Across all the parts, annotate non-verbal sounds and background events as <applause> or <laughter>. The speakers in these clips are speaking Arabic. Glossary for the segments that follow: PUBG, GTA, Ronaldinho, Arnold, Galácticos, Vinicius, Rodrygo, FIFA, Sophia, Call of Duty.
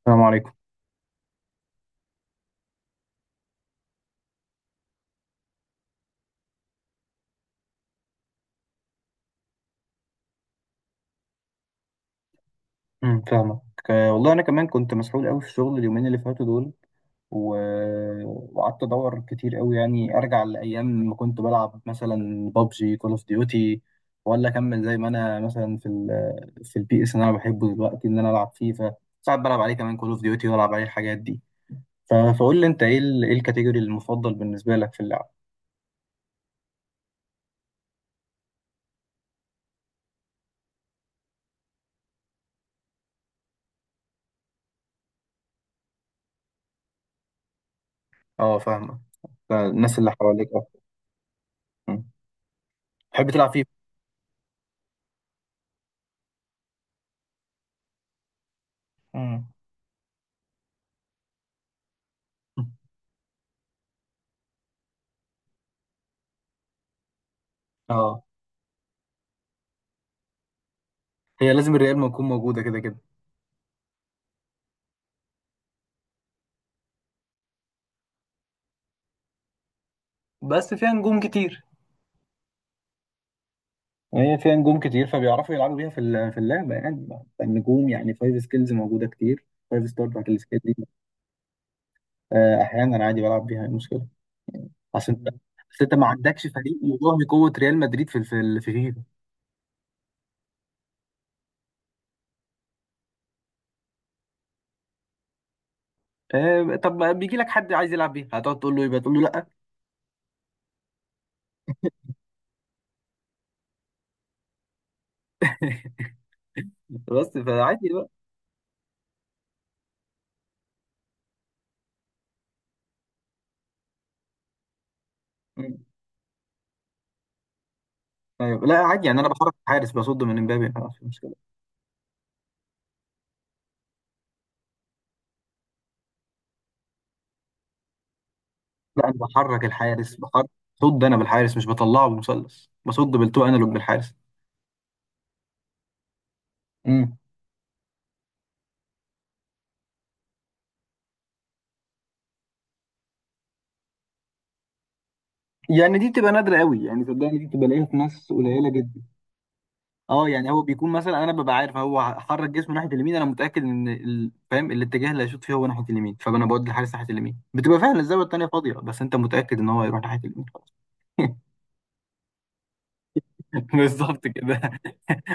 السلام عليكم. فاهمك. والله انا كمان كنت مسحول قوي في الشغل اليومين اللي فاتوا دول. و... وقعدت ادور كتير قوي، يعني ارجع لايام ما كنت بلعب مثلا بابجي، كول اوف ديوتي، ولا اكمل زي ما انا مثلا في البي اس اللي انا بحبه دلوقتي، ان انا العب فيفا. ساعات بلعب عليه كمان كول اوف ديوتي والعب عليه الحاجات دي. ف... فقول لي انت ايه ايه الكاتيجوري المفضل بالنسبه لك في اللعب؟ اه، فاهمك، الناس اللي حواليك، اه. أمم. تحب تلعب فيفا؟ أمم. اه، هي لازم الريال ما يكون موجوده كده كده. بس فيها نجوم كتير. هي فيها نجوم كتير فبيعرفوا يلعبوا بيها في اللعبه يعني. النجوم يعني فايف سكيلز موجوده كتير، فايف ستار بتاعت السكيل دي. احيانا عادي بلعب بيها، إيه المشكله؟ يعني اصل انت، اصل انت ما عندكش فريق يضاهي قوه ريال مدريد في فيفا. طب بيجي لك حد عايز يلعب بيها هتقعد تقول له، يبقى تقول له لا؟ <laughs> بس فعادي بقى. مم. ايوه لا عادي، يعني انا بحرك الحارس بصد من امبابي، ما في مشكله. لا انا بحرك الحارس، بحرك صد انا بالحارس، مش بطلعه بالمثلث، بصد بالتو انالوج بالحارس. يعني دي بتبقى نادرة قوي، يعني صدقني دي بتبقى لاقيها في ناس قليلة جدا. اه يعني هو بيكون مثلا انا ببقى عارف هو حرك جسمه ناحية اليمين، انا متأكد ان فاهم الاتجاه اللي هيشوط فيه هو ناحية اليمين، فانا بودي الحارس ناحية اليمين، بتبقى فعلا الزاوية التانية فاضية، بس انت متأكد ان هو هيروح ناحية اليمين، خلاص. <laughs> بالظبط كده.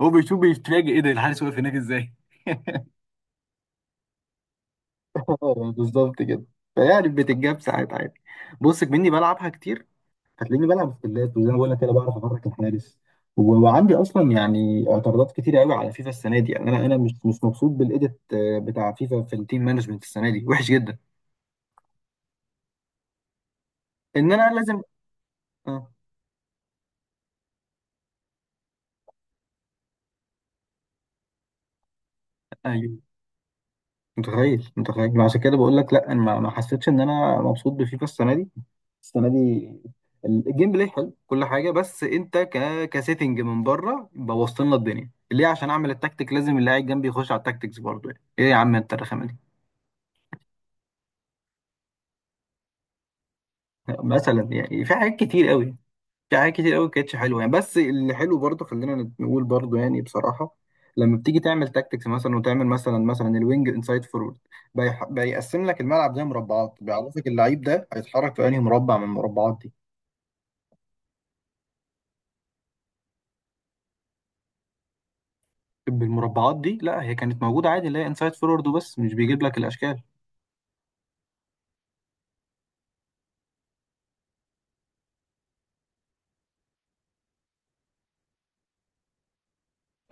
هو بيشوف بيتفاجئ، ايه ده الحارس واقف هناك ازاي؟ <laughs> اه بالظبط كده. فيعني بتتجاب ساعات عادي. بص مني بلعبها كتير، هتلاقيني بلعب سكيلات وزي ما بقول لك كده بعرف افرك الحارس. وعندي اصلا يعني اعتراضات كتير قوي على فيفا السنه دي، يعني انا انا مش مبسوط بالايديت، بتاع فيفا في التيم مانجمنت السنه دي وحش جدا. ان انا لازم، اه. ايوه متخيل، متخيل، عشان كده بقول لك لا، انا ما حسيتش ان انا مبسوط بفيفا السنه دي. السنه دي الجيم بلاي حلو كل حاجه، بس انت ك كسيتنج من بره بوظت لنا الدنيا، ليه عشان اعمل التكتيك لازم اللي قاعد جنبي يخش على التكتيكس برضه يعني. ايه يا عم انت الرخامه دي. مثلا يعني في حاجات كتير قوي، في حاجات كتير قوي كانتش حلوه يعني، بس اللي حلو برضه خلينا نقول برضه يعني بصراحه. لما بتيجي تعمل تاكتكس مثلا، وتعمل مثلا الوينج انسايد فورورد، بيقسم لك الملعب ده مربعات، بيعرفك اللعيب ده هيتحرك في انهي مربع من المربعات دي. طب المربعات دي لا، هي كانت موجوده عادي اللي هي انسايد فورورد وبس، مش بيجيب لك الاشكال.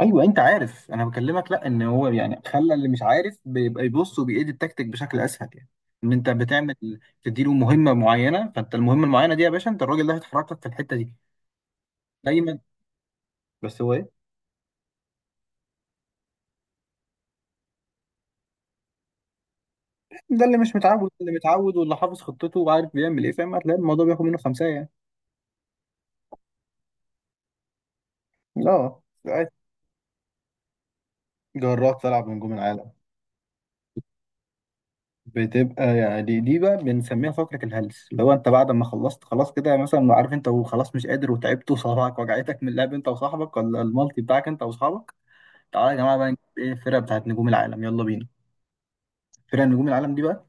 ايوه انت عارف انا بكلمك، لا ان هو يعني خلى اللي مش عارف بيبقى يبص وبيأيد التكتيك بشكل اسهل يعني. ان انت بتعمل، تديله مهمه معينه فانت المهمه المعينه دي يا باشا انت الراجل ده هيتحرك لك في الحته دي دايما. بس هو ايه، ده اللي مش متعود، اللي متعود واللي حافظ خطته وعارف بيعمل ايه فاهم هتلاقي الموضوع بياخد منه خمسة يعني. لا. جراك تلعب نجوم العالم؟ بتبقى يعني دي بقى بنسميها فقرة الهلس، اللي هو انت بعد ما خلصت خلاص كده، يعني مثلا عارف انت وخلاص مش قادر وتعبت وصابعك وجعتك من اللعب انت وصاحبك ولا المالتي بتاعك انت واصحابك. تعالى يا جماعة بقى نجيب ايه الفرقة بتاعت نجوم العالم، يلا بينا. فرقة نجوم العالم دي بقى،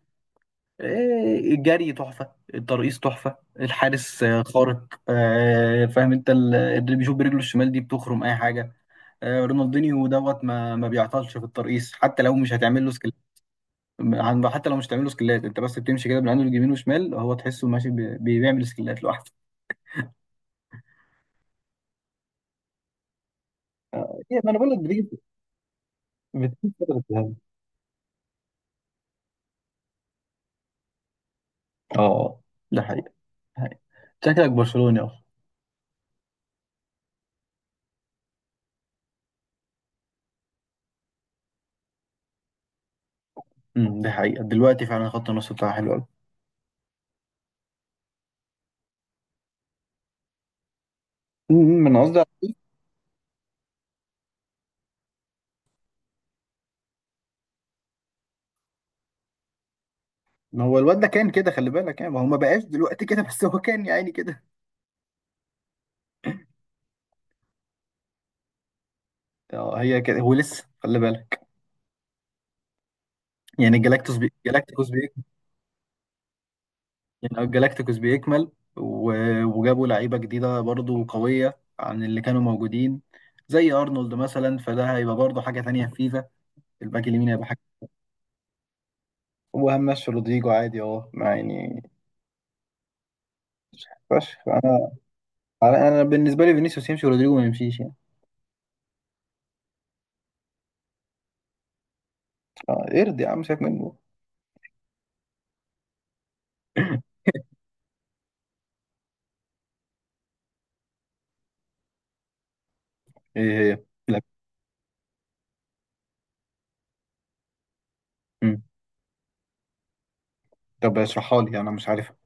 الجري تحفة، الترقيص تحفة، الحارس خارق، فاهم انت اللي بيشوف برجله الشمال دي بتخرم اي حاجة. رونالدينيو دوت، ما بيعطلش في الترقيص حتى لو مش هتعمل له سكيل. حتى لو مش هتعمل له سكيلات انت بس بتمشي كده بالعند اليمين وشمال هو تحسه ماشي بيعمل سكيلات لوحده. ما انا بقول لك بتيجي، بتيجي فترة ذهاب. اه ده حقيقة، حقيقة. شكلك برشلوني اصلا. ده حقيقة دلوقتي فعلا خط النص بتاعها حلو قوي. أمم، أمم، انا قصدي. ما هو الواد ده كان كده خلي بالك يعني، ما هو ما بقاش دلوقتي كده بس هو كان يعني كده. اه هي كده هو لسه خلي بالك. يعني الجلاكتوس جلاكتيكوس يعني الجلاكتيكوس بيكمل. و... وجابوا لعيبة جديدة برضو قوية عن اللي كانوا موجودين، زي أرنولد مثلا، فده هيبقى برضو حاجة تانية في فيفا. الباك اليمين هيبقى حاجة. وهمشي رودريجو عادي اه ما يعني فشخ. انا بالنسبة لي فينيسيوس يمشي ورودريجو ما يمشيش يعني. اه ارضي يا عم سيبك منه. <laughs> ايه هي لا. مم. طب اشرحها لي انا مش عارفها.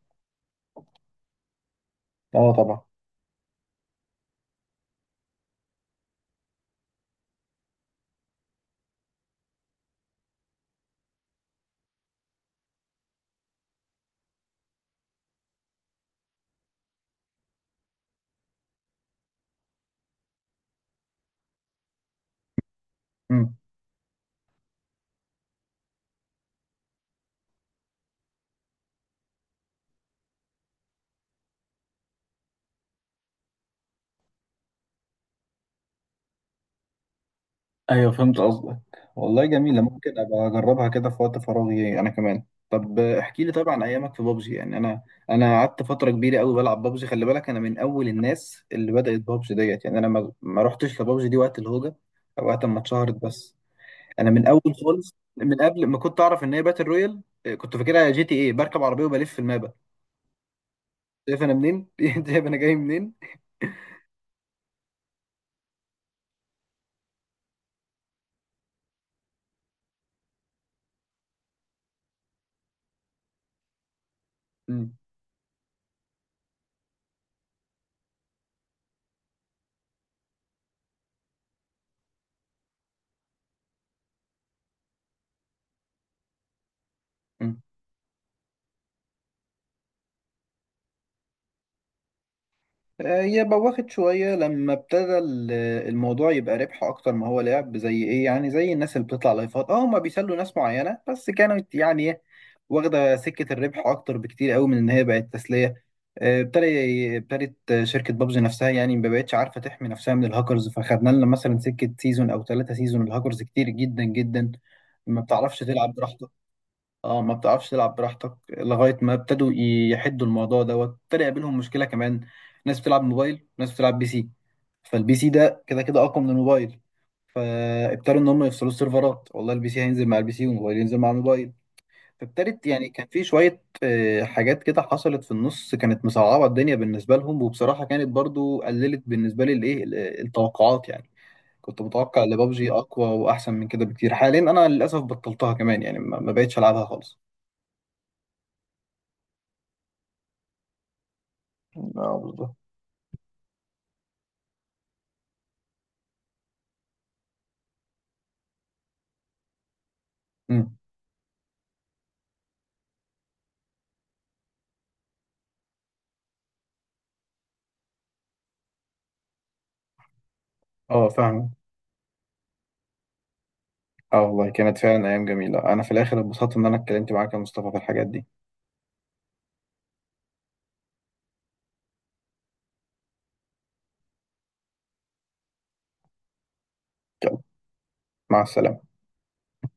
اه طبعا. مم. ايوه فهمت قصدك. والله جميلة، ممكن ابقى اجربها كده في وقت فراغي انا كمان. طب احكي لي طبعا عن ايامك في بابجي، يعني انا، انا قعدت فترة كبيرة قوي بلعب بابجي، خلي بالك انا من اول الناس اللي بدأت بابجي ديت، يعني انا ما رحتش لبابجي دي وقت الهوجة او وقت ما اتشهرت بس. انا من اول خالص من قبل ما كنت اعرف ان هي باتل رويال، كنت فاكرها جي تي ايه بركب عربية وبلف في المابا. شايف انا منين؟ <laughs> شايف انا جاي منين؟ مم. هي بوخت شوية لما ابتدى الموضوع يبقى ربح أكتر ما هو لعب، زي إيه يعني، زي الناس اللي بتطلع لايفات أه، هما بيسلوا ناس معينة بس كانت يعني إيه، واخدة سكة الربح أكتر بكتير قوي من إن هي بقت تسلية. آه، ابتدى ابتدت شركة بابجي نفسها يعني ما بقتش عارفة تحمي نفسها من الهاكرز، فخدنا لنا مثلا سكة سيزون أو ثلاثة سيزون الهاكرز كتير جدا جدا. ما بتعرفش تلعب براحتك. اه ما بتعرفش تلعب براحتك لغاية ما ابتدوا يحدوا الموضوع دوت. ابتدى يقابلهم مشكلة كمان، ناس بتلعب موبايل وناس بتلعب بي سي، فالبي سي ده كده كده أقوى من الموبايل، فابتدوا إن هم يفصلوا السيرفرات، والله البي سي هينزل مع البي سي والموبايل ينزل مع الموبايل. فابتدت يعني كان في شوية حاجات كده حصلت في النص كانت مصعبة الدنيا بالنسبة لهم، وبصراحة كانت برضو قللت بالنسبة لي الإيه التوقعات يعني. كنت متوقع ان بابجي أقوى وأحسن من كده بكتير، حاليا أنا للأسف بطلتها كمان يعني ما بقتش ألعبها خالص. اه بالظبط. مم. اه فعلا. اه والله كانت فعلا ايام جميله، انا في الاخر اتبسطت ان انا اتكلمت معاك يا مصطفى في الحاجات دي. يلا، مع السلامه.